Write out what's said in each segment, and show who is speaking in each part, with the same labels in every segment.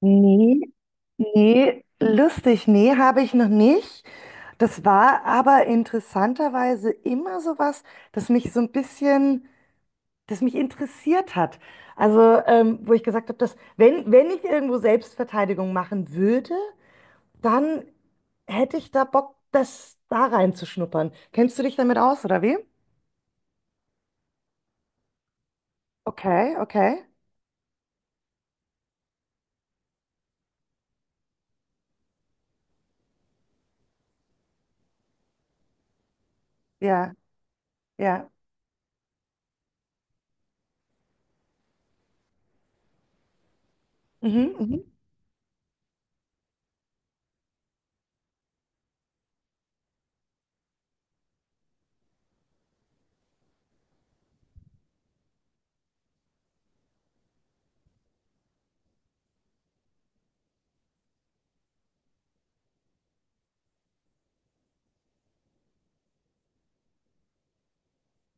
Speaker 1: Nee, nee, lustig, nee, habe ich noch nicht. Das war aber interessanterweise immer so was, das mich so ein bisschen, das mich interessiert hat. Also, wo ich gesagt habe, dass wenn ich irgendwo Selbstverteidigung machen würde, dann hätte ich da Bock, das da reinzuschnuppern. Kennst du dich damit aus, oder wie? Okay, okay. Ja, ja. Mhm, mhm.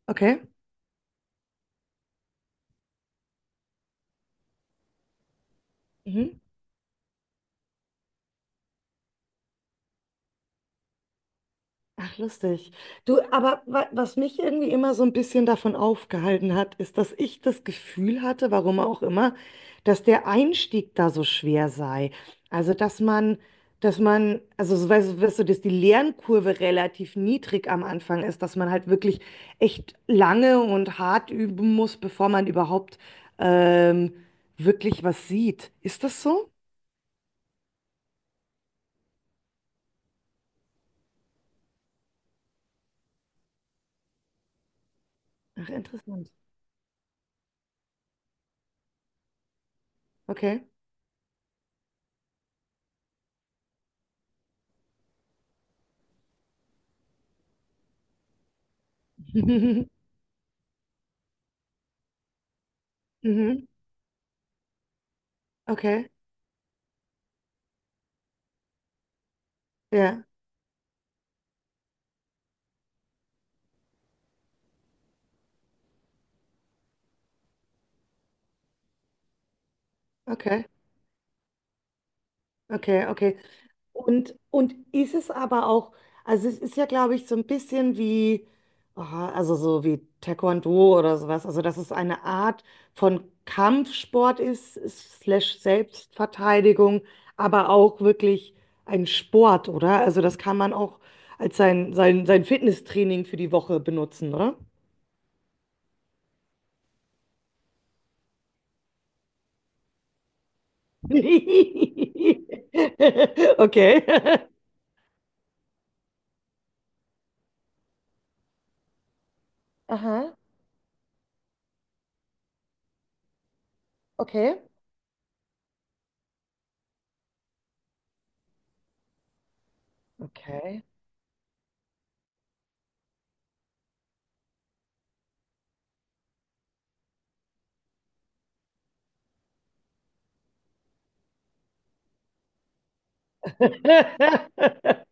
Speaker 1: Okay. Mhm. Ach, lustig. Du, aber wa was mich irgendwie immer so ein bisschen davon aufgehalten hat, ist, dass ich das Gefühl hatte, warum auch immer, dass der Einstieg da so schwer sei. Also, dass man, also, so, weißt du, dass die Lernkurve relativ niedrig am Anfang ist, dass man halt wirklich echt lange und hart üben muss, bevor man überhaupt ähm, wirklich was sieht. Ist das so? Ach, interessant. Okay. Mhm. Okay. Ja. Okay. Okay, okay. Und ist es aber auch, also es ist ja, glaube ich, so ein bisschen wie, aha, also so wie Taekwondo oder sowas, also dass es eine Art von Kampfsport ist, slash Selbstverteidigung, aber auch wirklich ein Sport, oder? Also das kann man auch als sein Fitnesstraining für die Woche benutzen, oder? Okay. Aha, okay. Okay.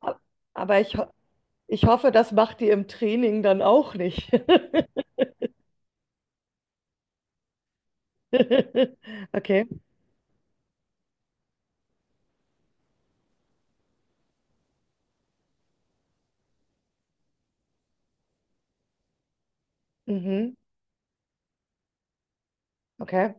Speaker 1: A- Aber ich hoffe, das macht die im Training dann auch nicht. Okay. Mhm. Okay,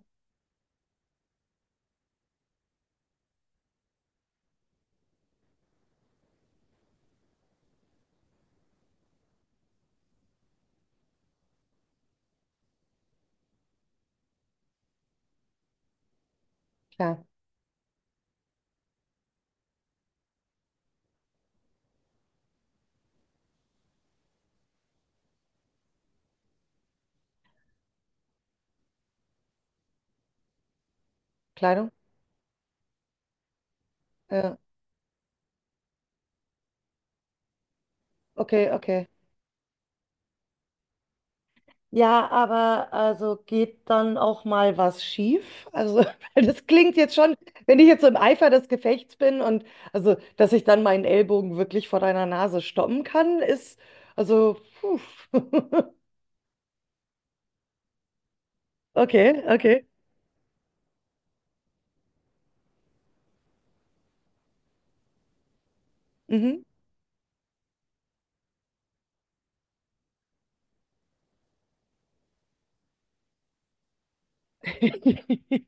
Speaker 1: klar. Kleidung. Ja. Okay, okay. Ja, aber also geht dann auch mal was schief? Also, weil das klingt jetzt schon, wenn ich jetzt so im Eifer des Gefechts bin und also, dass ich dann meinen Ellbogen wirklich vor deiner Nase stoppen kann, ist also, puh. Okay, okay. Mhm.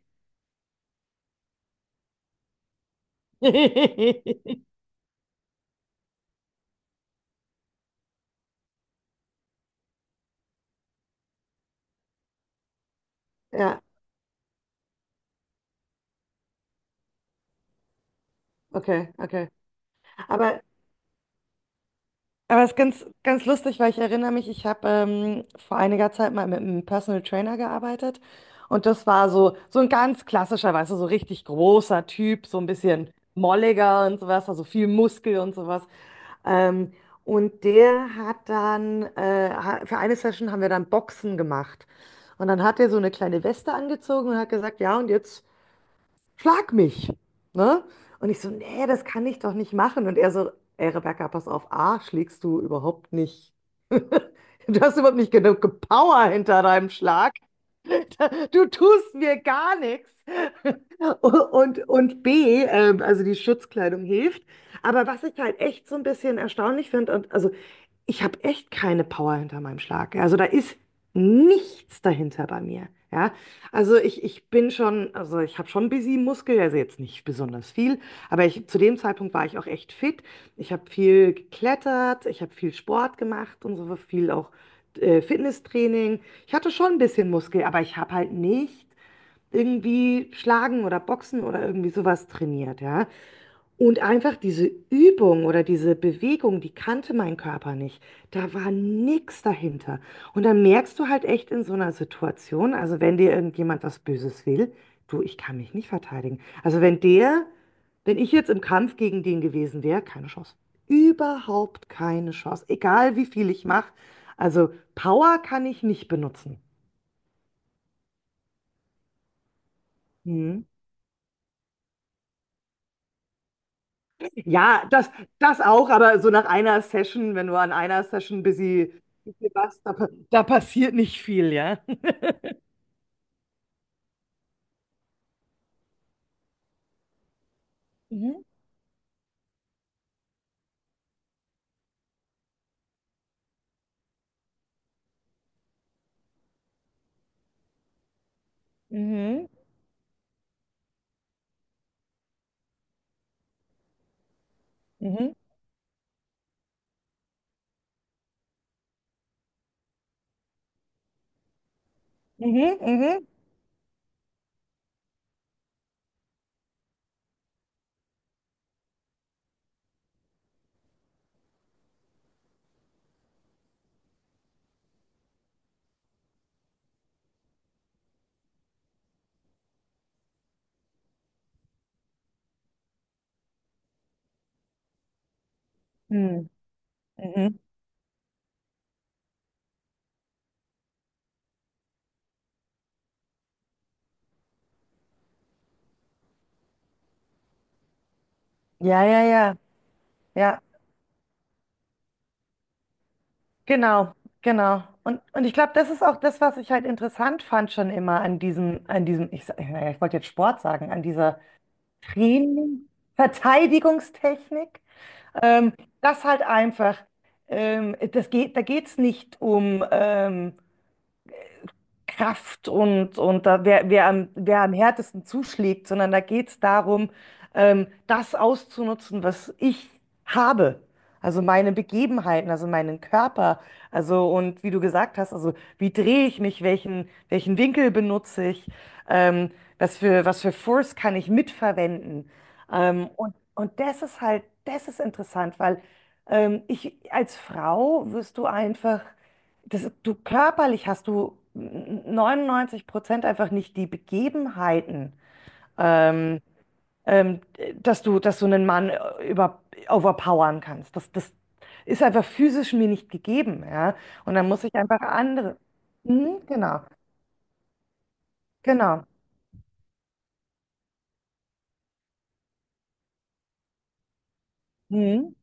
Speaker 1: Ja, okay, okay. Aber, aber es ist ganz, ganz lustig, weil ich erinnere mich, ich habe vor einiger Zeit mal mit einem Personal Trainer gearbeitet, und das war so, so ein ganz klassischer, weißt du, so richtig großer Typ, so ein bisschen molliger und sowas, also viel Muskel und sowas. Ähm, und der hat dann, für eine Session haben wir dann Boxen gemacht. Und dann hat er so eine kleine Weste angezogen und hat gesagt, ja, und jetzt schlag mich. Ne? Und ich so, nee, das kann ich doch nicht machen. Und er so, ey Rebecca, pass auf, A, schlägst du überhaupt nicht. Du hast überhaupt nicht genug Power hinter deinem Schlag. Du tust mir gar nichts. Und B, also die Schutzkleidung hilft. Aber was ich halt echt so ein bisschen erstaunlich finde, und also ich habe echt keine Power hinter meinem Schlag. Ja, also da ist nichts dahinter bei mir. Ja, also ich bin schon, also ich habe schon busy Muskel, also jetzt nicht besonders viel, aber ich, zu dem Zeitpunkt war ich auch echt fit. Ich habe viel geklettert, ich habe viel Sport gemacht und so viel auch Fitnesstraining. Ich hatte schon ein bisschen Muskel, aber ich habe halt nicht irgendwie Schlagen oder Boxen oder irgendwie sowas trainiert, ja. Und einfach diese Übung oder diese Bewegung, die kannte mein Körper nicht. Da war nichts dahinter. Und dann merkst du halt echt in so einer Situation, also wenn dir irgendjemand was Böses will, du, ich kann mich nicht verteidigen. Also wenn ich jetzt im Kampf gegen den gewesen wäre, keine Chance. Überhaupt keine Chance. Egal wie viel ich mache. Also Power kann ich nicht benutzen. Hm. Ja, das auch, aber so nach einer Session, wenn du an einer busy warst, da passiert nicht viel, ja. Mhm, mhm, mhm, mhm, mhm, mhm. Mhm. Ja, ja, ja, ja, genau, genau. Und ich glaube, das ist auch das, was ich halt interessant fand schon immer an naja, ich wollte jetzt Sport sagen, an dieser Training, Verteidigungstechnik, ähm, das halt einfach, da geht es nicht um, Kraft und da, wer, wer am härtesten zuschlägt, sondern da geht es darum, das auszunutzen, was ich habe. Also meine Begebenheiten, also meinen Körper, also und wie du gesagt hast, also wie drehe ich mich, welchen Winkel benutze ich, ähm, was für Force kann ich mitverwenden. Und das ist halt, das ist interessant, weil ich als Frau wirst du einfach das, du körperlich hast du 99% einfach nicht die Begebenheiten, ähm, ähm, dass du einen Mann overpowern kannst. Das ist einfach physisch mir nicht gegeben, ja. Und dann muss ich einfach andere. Mhm, genau, genau. Mhm,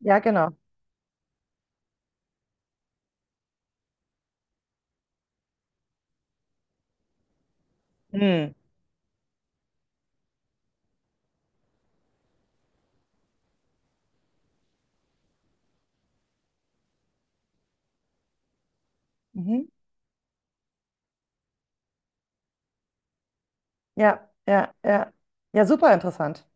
Speaker 1: ja, genau. Mhm. Mhm. Ja, ja, ja. Ja, super interessant.